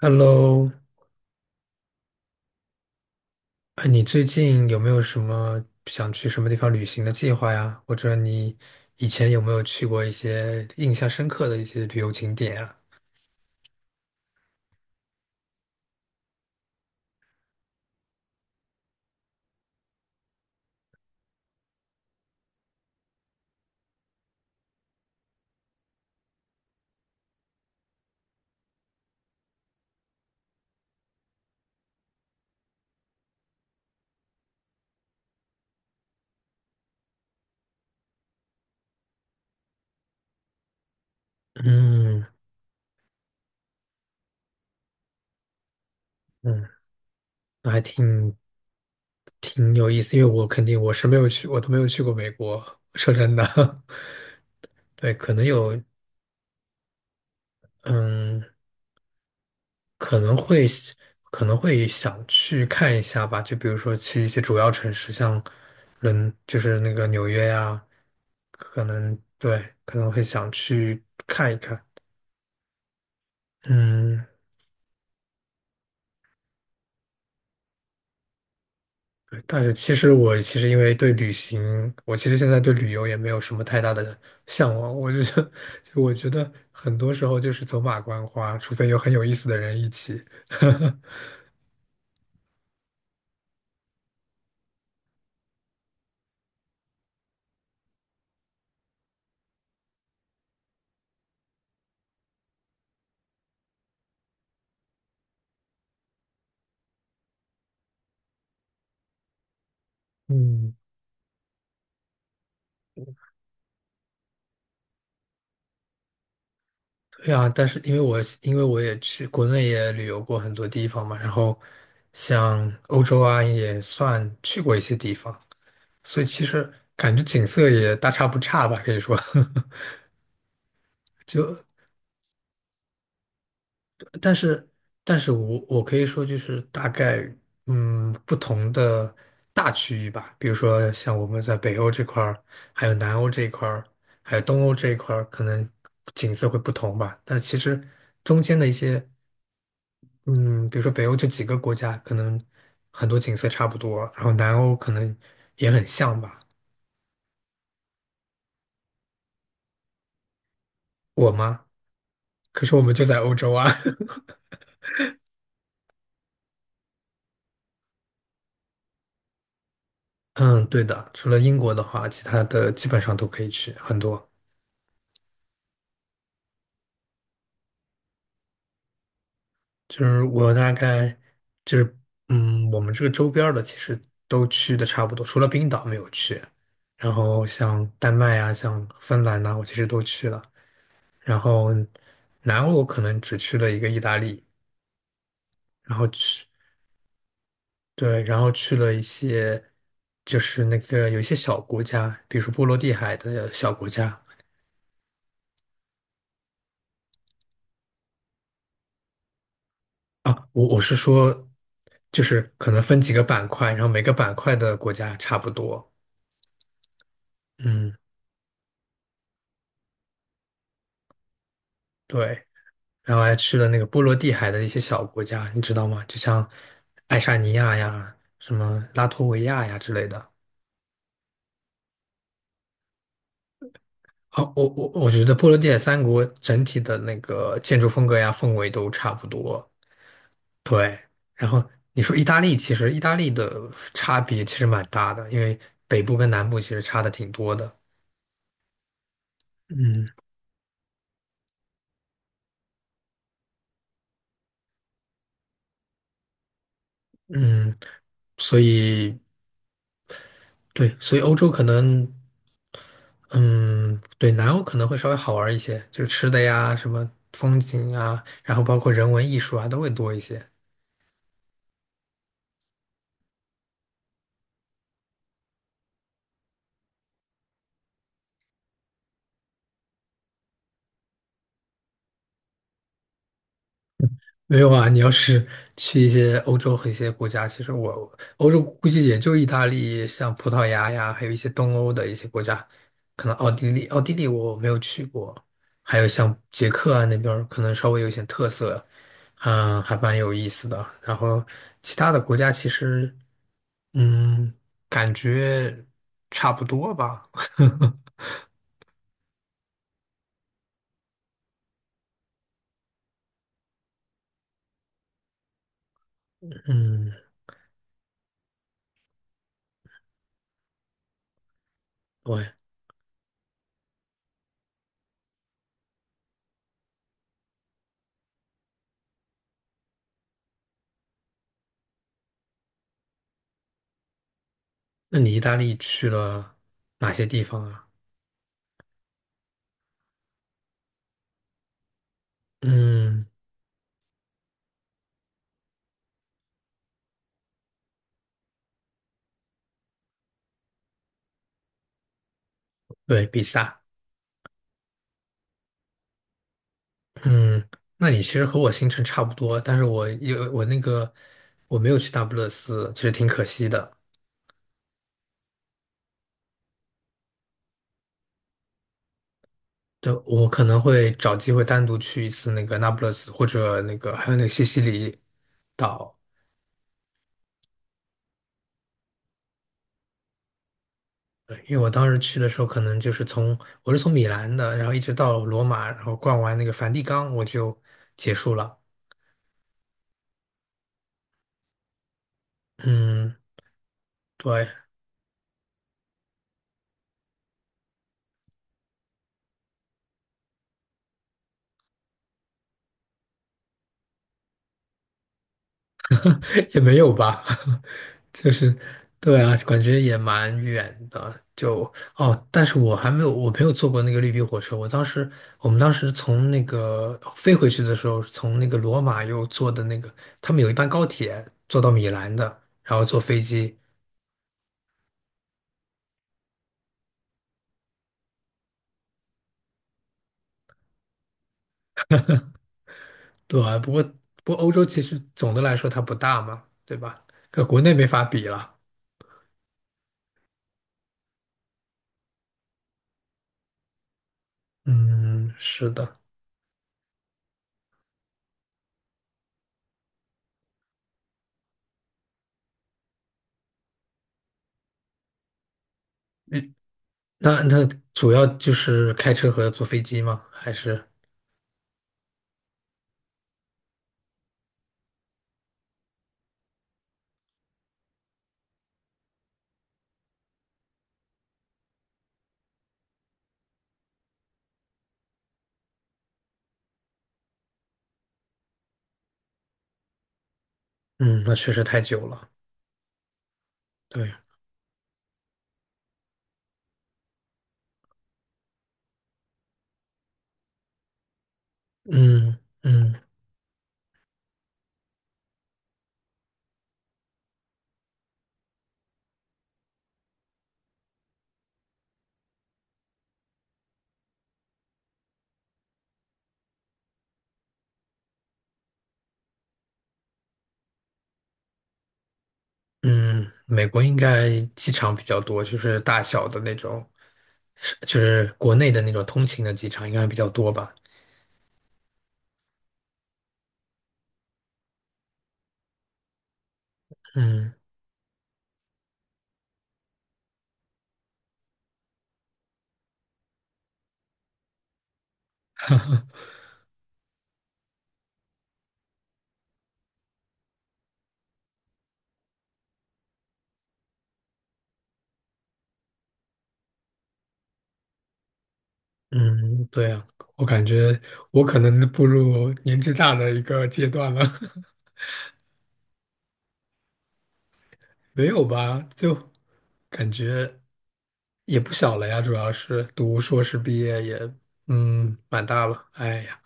Hello，哎，你最近有没有什么想去什么地方旅行的计划呀？或者你以前有没有去过一些印象深刻的一些旅游景点啊？嗯嗯，那还挺有意思，因为我肯定我是没有去，我都没有去过美国。说真的，对，可能有，嗯。可能会可能会想去看一下吧，就比如说去一些主要城市，就是那个纽约呀，可能对，可能会想去看一看。嗯，对，但是其实我因为对旅行，我其实现在对旅游也没有什么太大的向往。我就觉 就我觉得很多时候就是走马观花，除非有很有意思的人一起。嗯对啊，但是因为我也去国内也旅游过很多地方嘛，然后像欧洲啊也算去过一些地方，所以其实感觉景色也大差不差吧，可以说。就但是但是我可以说就是大概不同的大区域吧，比如说像我们在北欧这块儿，还有南欧这一块儿，还有东欧这一块儿，可能景色会不同吧。但是其实中间的一些。嗯，比如说北欧这几个国家，可能很多景色差不多，然后南欧可能也很像吧。我吗？可是我们就在欧洲啊。嗯，对的，除了英国的话，其他的基本上都可以去，很多。就是我大概就是，嗯，我们这个周边儿的其实都去的差不多，除了冰岛没有去。然后像丹麦啊，像芬兰呐、我其实都去了。然后南欧我可能只去了一个意大利，然后去。对，然后去了一些，就是那个有一些小国家，比如说波罗的海的小国家啊，我是说，就是可能分几个板块，然后每个板块的国家差不多，嗯，对，然后还去了那个波罗的海的一些小国家，你知道吗？就像爱沙尼亚呀、什么拉脱维亚呀之类的。啊，我觉得波罗的海三国整体的那个建筑风格呀、氛围都差不多。对，然后你说意大利，其实意大利的差别其实蛮大的，因为北部跟南部其实差的挺多的。嗯嗯，所以对，所以欧洲可能，嗯，对，南欧可能会稍微好玩一些，就是吃的呀，什么风景啊，然后包括人文艺术啊，都会多一些。没有啊，你要是去一些欧洲和一些国家，其实我欧洲估计也就意大利、像葡萄牙呀，还有一些东欧的一些国家，可能奥地利，奥地利我没有去过，还有像捷克啊那边儿可能稍微有一些特色，嗯，还蛮有意思的。然后其他的国家其实，嗯，感觉差不多吧。嗯，对，那你意大利去了哪些地方啊？嗯，对，比萨。嗯，那你其实和我行程差不多，但是我没有去那不勒斯，其实挺可惜的。对，我可能会找机会单独去一次那个那不勒斯，或者那个还有那个西西里岛。对，因为我当时去的时候，可能就是我是从米兰的，然后一直到罗马，然后逛完那个梵蒂冈，我就结束了。嗯，对，也没有吧。就是，对啊，感觉也蛮远的。就哦，但是我没有坐过那个绿皮火车。我们当时从那个飞回去的时候，从那个罗马又坐的那个，他们有一班高铁坐到米兰的，然后坐飞机。对啊，不过欧洲其实总的来说它不大嘛，对吧？跟国内没法比了。嗯，是的。那主要就是开车和坐飞机吗？还是嗯，那确实太久了。对，嗯嗯。嗯，美国应该机场比较多，就是大小的那种，就是国内的那种通勤的机场应该比较多吧。嗯嗯，对啊，我感觉我可能步入年纪大的一个阶段了，没有吧？就感觉也不小了呀，主要是读硕士毕业也蛮大了，哎呀。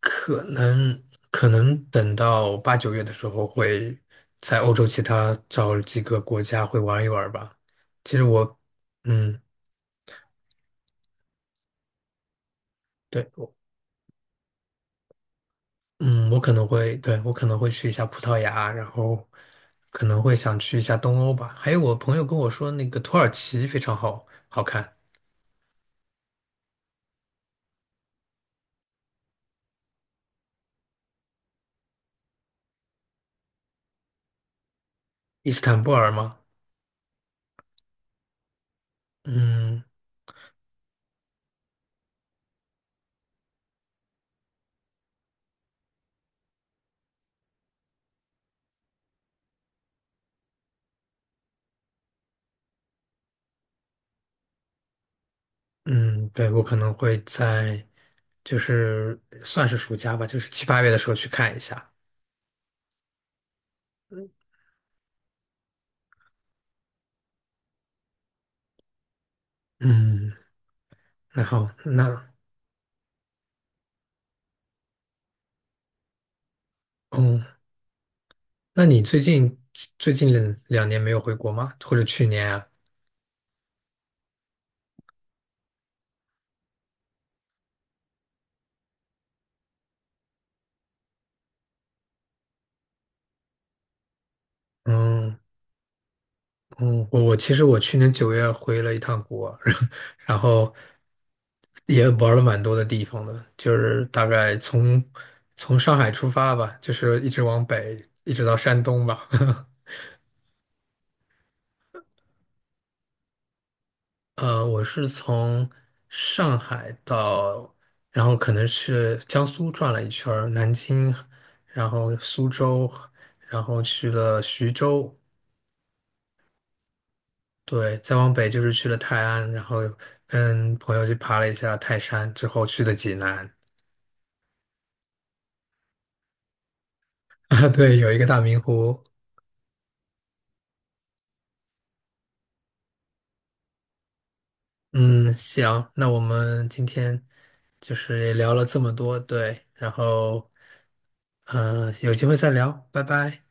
可能可能等到8、9月的时候会在欧洲其他找几个国家会玩一玩吧。其实我，嗯，对，我，嗯，我可能会，对，我可能会去一下葡萄牙，然后可能会想去一下东欧吧。还有我朋友跟我说，那个土耳其非常好看，伊斯坦布尔吗？嗯嗯，对，我可能会在就是算是暑假吧，就是7、8月的时候去看一下。嗯，那好，那。哦，那你最近两年没有回国吗？或者去年啊？嗯嗯，我其实我去年九月回了一趟国，然后也玩了蛮多的地方的，就是大概从上海出发吧，就是一直往北，一直到山东吧。我是从上海到，然后可能是江苏转了一圈儿南京，然后苏州，然后去了徐州，对，再往北就是去了泰安，然后跟朋友去爬了一下泰山，之后去的济南。啊，对，有一个大明湖。嗯，行，那我们今天就是也聊了这么多，对，然后，嗯，有机会再聊，拜拜。